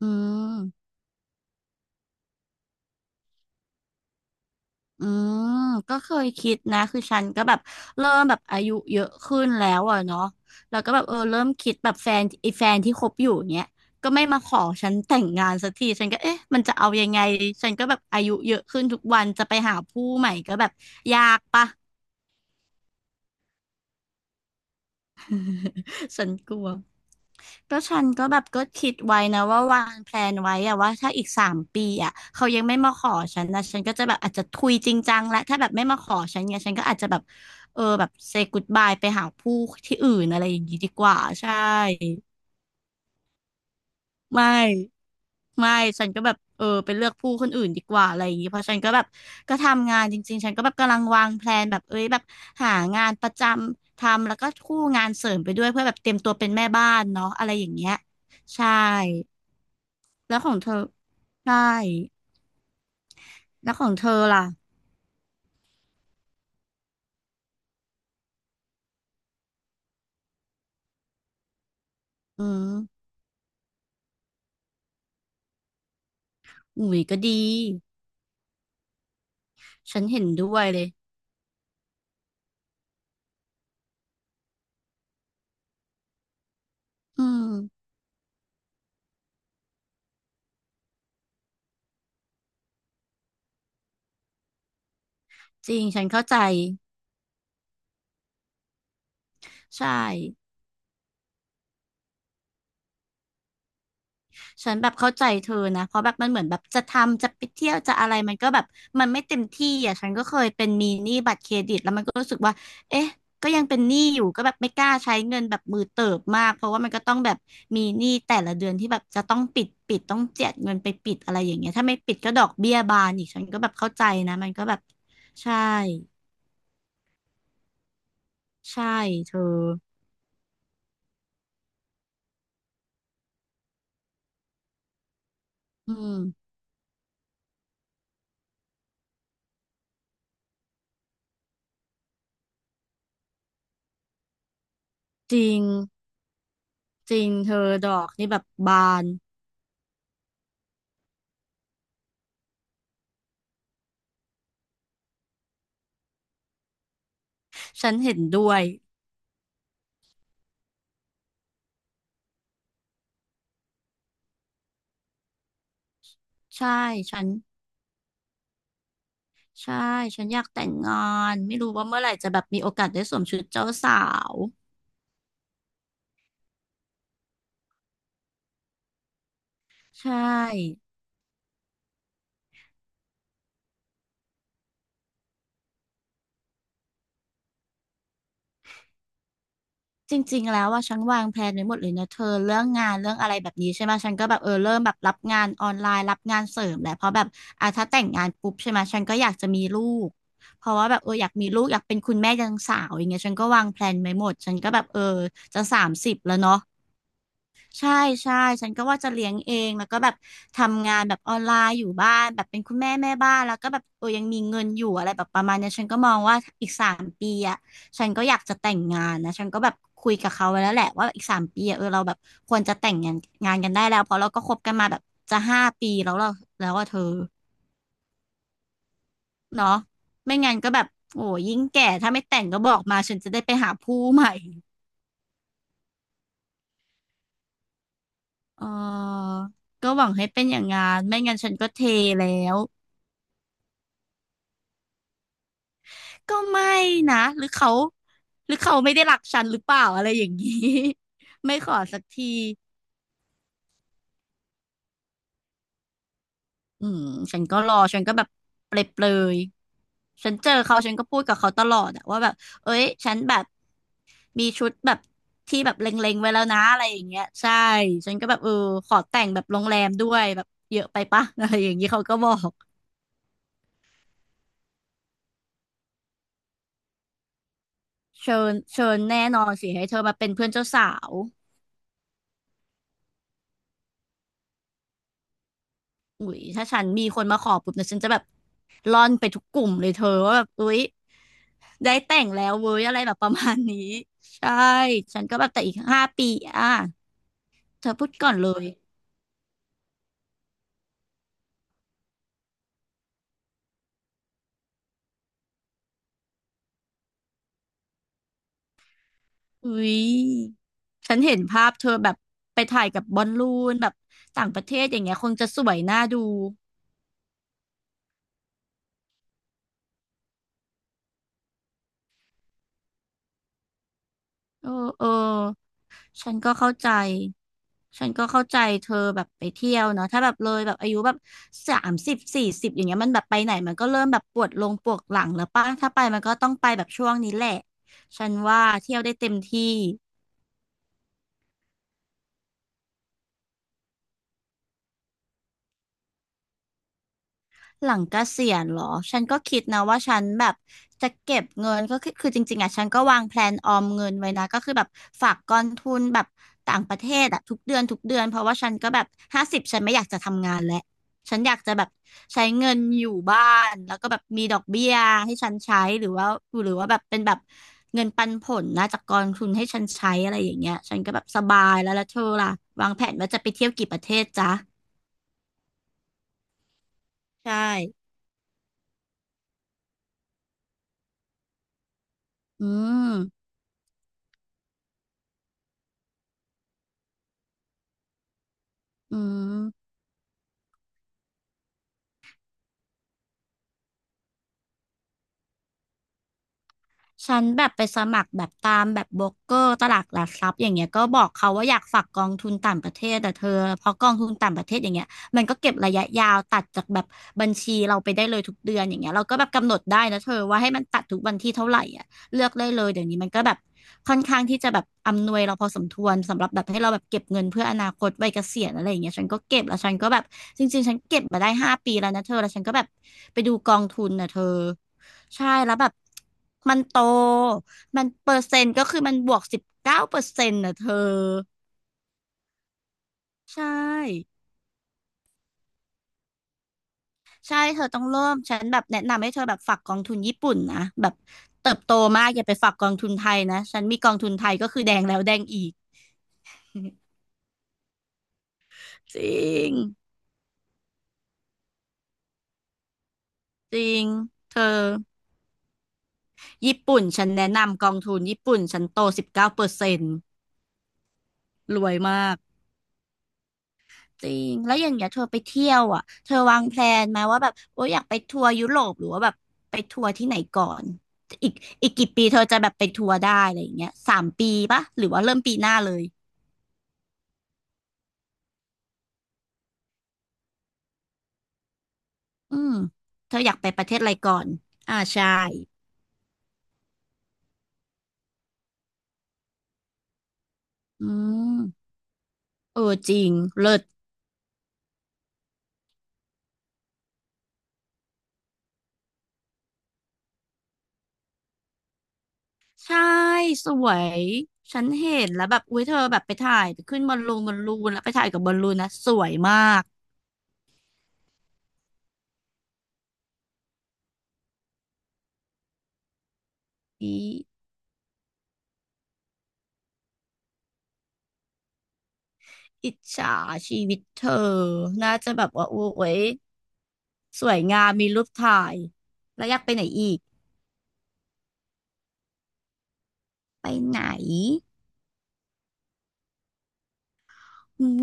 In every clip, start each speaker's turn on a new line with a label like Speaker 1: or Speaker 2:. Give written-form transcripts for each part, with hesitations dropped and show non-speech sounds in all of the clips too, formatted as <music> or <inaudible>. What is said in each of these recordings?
Speaker 1: อืมอืมก็เคยคิดนะคือฉันก็แบบเริ่มแบบอายุเยอะขึ้นแล้วอ่ะเนาะแล้วก็แบบเออเริ่มคิดแบบแฟนไอ้แฟนที่คบอยู่เนี้ยก็ไม่มาขอฉันแต่งงานสักทีฉันก็เอ๊ะมันจะเอายังไงฉันก็แบบอายุเยอะขึ้นทุกวันจะไปหาผู้ใหม่ก็แบบยากปะ <laughs> ฉันกลัว ก็ฉันก็แบบก็คิดไว้นะว่าวางแพลนไว้อะว่าถ้าอีกสามปีอะเขายังไม่มาขอฉันนะฉันก็จะแบบอาจจะทุยจริงจังและถ้าแบบไม่มาขอฉันเนี่ยฉันก็อาจจะแบบเออแบบเซ y ก o ดบายไปหาผู้ที่อื่นอะไรอย่างนี้ดีกว่าใช่ไม่ไม่ฉันก็แบบเออไปเลือกผู้คนอื่นดีกว่าอะไรอย่างนี้เพราะฉันก็แบบก็ทำงานจริงๆฉันก็แบบกำลังวางแพลนแบบเอ้ยแบบหางานประจำทำแล้วก็คู่งานเสริมไปด้วยเพื่อแบบเตรียมตัวเป็นแม่บ้านเนาะอะไรอย่างเงี้ยใช่ แล้วของเธอใช่แล้วของเธอล่ะอืมอุ๋ยก็ดีฉันเห็นด้วยเลยอืมจริงฉันเข้าใจใช่ ฉันแบบเข้าใจเธอนะ เพราะแบบมันเหมือนแบบจะทำจะไปเที่ยวจะอะไรมันก็แบบมันไม่เต็มที่อ่ะ ฉันก็เคยเป็นมีหนี้บัตรเครดิตแล้วมันก็รู้สึกว่าเอ๊ะก็ยังเป็นหนี้อยู่ก็แบบไม่กล้าใช้เงินแบบมือเติบมากเพราะว่ามันก็ต้องแบบมีหนี้แต่ละเดือนที่แบบจะต้องปิดปิดต้องเจียดเงินไปปิดอะไรอย่างเงี้ยถ้าไม่ปิดก็ดอกเบี้ยบานอีกฉันก็แบบเข้าใจนะมันก็แบบใช่ใช่เธออืมจริงจริงเธอดอกนี่แบบบานฉันเห็นด้วยใช่ฉัน ใช่ฉันอยากแต่งงานไม่รู้ว่าเมื่อไหร่จะแบบมีโอกาสได้สวมชุดเจ้าสาวใช่จริงๆแล้วว่าฉันวางแผนไว้หมดเลยนะเธอเรื่องงานเรื่องอะไรแบบนี้ใช่ไหมฉันก็แบบเออเริ่มแบบรับงานออนไลน์รับงานเสริมแหละเพราะแบบอ่ะถ้าแต่งงานปุ๊บใช่ไหมฉันก็อยากจะมีลูกเพราะว่าแบบเอออยากมีลูกอยากเป็นคุณแม่ยังสาวอย่างเงี้ยฉันก็วางแผนไว้หมดฉันก็แบบเออจะสามสิบแล้วเนาะ ใช่ใช่ฉันก็ว่าจะเลี้ยงเองแล้วก็แบบทำงานแบบออนไลน์อยู่บ้านแบบเป็นคุณแม่แม่บ้านแล้วก็แบบเออยังมีเงินอยู่อะไรแบบประมาณเนี้ยฉันก็มองว่าอีกสามปีอ่ะฉันก็อยากจะแต่งงานนะฉันก็แบบคุยกับเขาไว้แล้วแหละว่าอีกสามปีอะเออเราแบบควรจะแต่งงานกันได้แล้วเพราะเราก็คบกันมาแบบจะห้าปีแล้วเราแล้วว่าเธอเนาะไม่งั้นก็แบบโอ้ยิ่งแก่ถ้าไม่แต่งก็บอกมาฉันจะได้ไปหาผู้ใหม่เออก็หวังให้เป็นอย่างงานไม่งั้นฉันก็เทแล้ว ก็ไม่นะหรือเขาหรือเขาไม่ได้รักฉันหรือเปล่าอะไรอย่างนี้ <laughs> ไม่ขอสักทีอืมฉันก็รอฉันก็แบบเปรยเปรยฉันเจอเขาฉันก็พูดกับเขาตลอดอะว่าแบบเอ้ยฉันแบบมีชุดแบบที่แบบเล็งๆไว้แล้วนะอะไรอย่างเงี้ยใช่ฉันก็แบบเออขอแต่งแบบโรงแรมด้วยแบบเยอะไปปะ <laughs> อะไรอย่างนี้เขาก็บอกเชิญเชิญแน่นอนสิให้เธอมาเป็นเพื่อนเจ้าสาว อุ๊ยถ้าฉันมีคนมาขอปุ๊บเนี่ยฉันจะแบบร่อนไปทุกกลุ่มเลยเธอว่าแบบอุ๊ยได้แต่งแล้วเว้ยอะไรแบบประมาณนี้ใช่ฉันก็แบบแต่อีกห้าปีอ่ะเธอพูดก่อนเลยอุ๊ยฉันเห็นภาพเธอแบบไปถ่ายกับบอลลูนแบบต่างประเทศอย่างเงี้ยคงจะสวยน่าดูเออเออ ฉันก็เข้าใจฉันก็เข้าใจเธอแบบไปเที่ยวเนาะถ้าแบบเลยแบบอายุแบบ30 40อย่างเงี้ยมันแบบไปไหนมันก็เริ่มแบบปวดลงปวดหลังแล้วป่ะถ้าไปมันก็ต้องไปแบบช่วงนี้แหละ ฉันว่าเที่ยวได้เต็มที่ หลังเกษียณเหรอ ฉันก็คิดนะว่าฉันแบบจะเก็บเงินก็คือจริงๆอ่ะฉันก็วางแพลนออมเงินไว้นะก็คือแบบฝากกองทุนแบบต่างประเทศอ่ะทุกเดือนทุกเดือนเพราะว่าฉันก็แบบ50ฉันไม่อยากจะทำงานแล้วฉันอยากจะแบบใช้เงินอยู่บ้านแล้วก็แบบมีดอกเบี้ยให้ฉันใช้หรือว่าแบบเป็นแบบเงินปันผลนะจากกองทุนให้ฉันใช้อะไรอย่างเงี้ยฉันก็แบบสบายแล้วแล้วเธอล่ะวางแผนว่าจะไปเที่ยวกี่ประเทศจ๊ะใช่อืมอืม ฉันแบบไปสมัครแบบตามแบบโบรกเกอร์ตลาดหลักทรัพย์อย่างเงี้ยก็บอกเขาว่าอยากฝากกองทุนต่างประเทศแต่เธอเพราะกองทุนต่างประเทศอย่างเงี้ยมันก็เก็บระยะยาวตัดจากแบบบัญชีเราไปได้เลยทุกเดือนอย่างเงี้ยเราก็แบบกำหนดได้นะเธอว่าให้มันตัดทุกวันที่เท่าไหร่อ่ะเลือกได้เลยเดี๋ยวนี้มันก็แบบค่อนข้างที่จะแบบอำนวยเราพอสมควรสำหรับแบบให้เราแบบเก็บเงินเพื่ออนาคตวัยเกษียณอะไรอย่างเงี้ยฉันก็เก็บแล้วฉันก็แบบจริงๆฉันเก็บมาได้5 ปีแล้วนะเธอแล้วฉันก็แบบไปดูกองทุนนะเธอ ใช่แล้วแบบมันโตมันเปอร์เซ็นต์ก็คือมันบวกสิบเก้าเปอร์เซ็นต์นะเธอใช่ใช่เธอต้องเริ่มฉันแบบแนะนำให้เธอแบบฝากกองทุนญี่ปุ่นนะแบบเติบโตมากอย่าไปฝากกองทุนไทยนะฉันมีกองทุนไทยก็คือแดงแล้วแดงอีกจริงจริงเธอญี่ปุ่นฉันแนะนำกองทุนญี่ปุ่นฉันโตสิบเก้าเปอร์เซ็นต์รวยมาก จริง แล้วอย่างเงี้ยเธอไปเที่ยวอ่ะเธอวางแพลนไหมว่าแบบโอ้ยอยากไปทัวร์ยุโรปหรือว่าแบบไปทัวร์ที่ไหนก่อน อีกอีกกี่ปีเธอจะแบบไปทัวร์ได้อะไรอย่างเงี้ยสามปีปะหรือว่าเริ่มปีหน้าเลยอืม เธออยากไปประเทศอะไรก่อนอ่าใช่อืมเออจริงเลิศใช่สวย ฉันเห็นแล้วแบบอุ้ยเธอแบบไปถ่ายขึ้นบอลลูนแล้วไปถ่ายกับบอลลูนนะสวยมากอีอิจฉาชีวิตเธอน่าจะแบบว่าโอ้ย สวยงามมีรูปถ่ายแล้วอยากไปไหนอีกไปไหน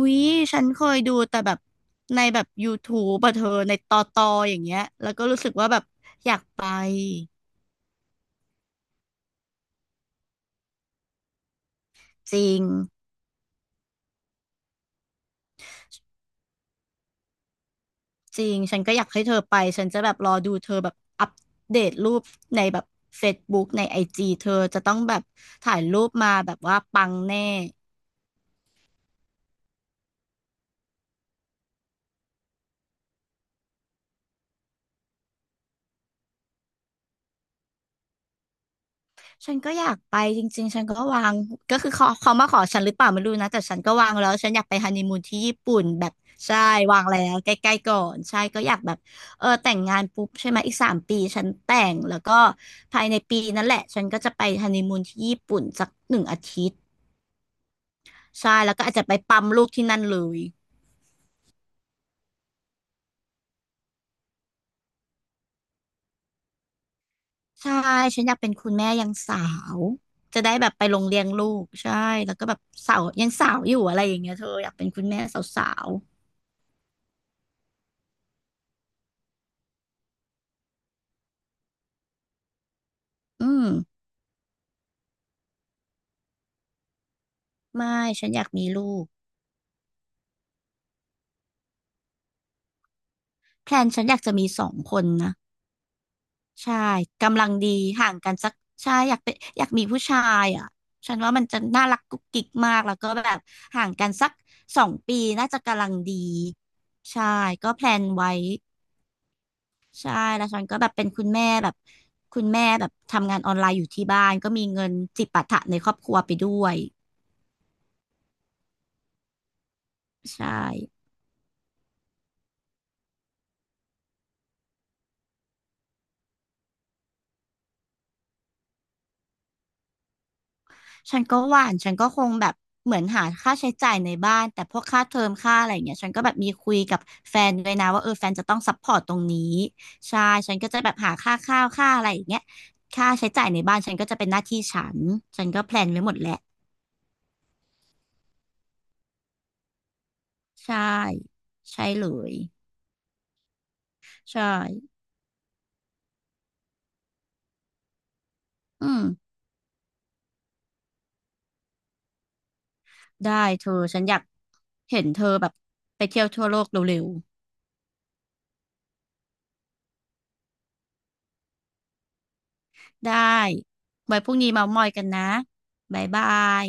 Speaker 1: วิ๊ยฉันเคยดูแต่แบบในแบบ YouTube อะเธอในตอตออย่างเงี้ยแล้วก็รู้สึกว่าแบบอยากไปจริงจริงฉันก็อยากให้เธอไปฉันจะแบบรอดูเธอแบบอัปเดตรูปในแบบ Facebook ในไอจีเธอจะต้องแบบถ่ายรูปมาแบบว่าปังแน่ ฉันก็อยากไปจริงๆ ฉันก็วางก็คือเขามาขอฉันหรือเปล่าไม่รู้นะแต่ฉันก็วางแล้วฉันอยากไปฮันนีมูนที่ญี่ปุ่นแบบใช่วางแล้วใกล้ๆก่อนใช่ก็อยากแบบเออแต่งงานปุ๊บใช่ไหมอีกสามปีฉันแต่งแล้วก็ภายในปีนั่นแหละฉันก็จะไปฮันนีมูนที่ญี่ปุ่นสัก1 อาทิตย์ใช่แล้วก็อาจจะไปปั๊มลูกที่นั่นเลยใช่ฉันอยากเป็นคุณแม่ยังสาวจะได้แบบไปลงเลี้ยงลูกใช่แล้วก็แบบสาวยังสาวอยู่อะไรอย่างเงี้ยเธออยากเป็นคุณแม่สาวๆอืม ไม่ฉันอยากมีลูกแพลนฉันอยากจะมี2 คนนะใช่กำลังดีห่างกันสักใช่อยากเป็นอยากมีผู้ชายอ่ะฉันว่ามันจะน่ารักกุ๊กกิ๊กมากแล้วก็แบบห่างกันสัก2 ปีน่าจะกำลังดีใช่ก็แพลนไว้ใช่แล้วฉันก็แบบเป็นคุณแม่แบบคุณแม่แบบทำงานออนไลน์อยู่ที่บ้านก็มีเงินจิปาถะในครอบครัวไปด้วยใช่ ฉันก็หว่านฉันก็คงแบบเหมือนหาค่าใช้จ่ายในบ้าน แต่พวกค่าเทอมค่าอะไรอย่างเงี้ยฉันก็แบบมีคุยกับแฟนด้วยนะว่าเออแฟนจะต้องซัพพอร์ตตรงนี้ใช่ฉันก็จะแบบหาค่าข้าวค่าอะไรอย่างเงี้ยค่าใช้จ่ายในบ้านฉันก็จะเป็นหน้าที่ฉัน ฉันก็แพลนไว้หมดแหละใช่ใช่เลยใช่อืมได้เธอฉันอยากเห็นเธอแบบไปเที่ยวทั่วโลกเร็วๆได้ไว้พรุ่งนี้เมามอยกันนะบ๊ายบาย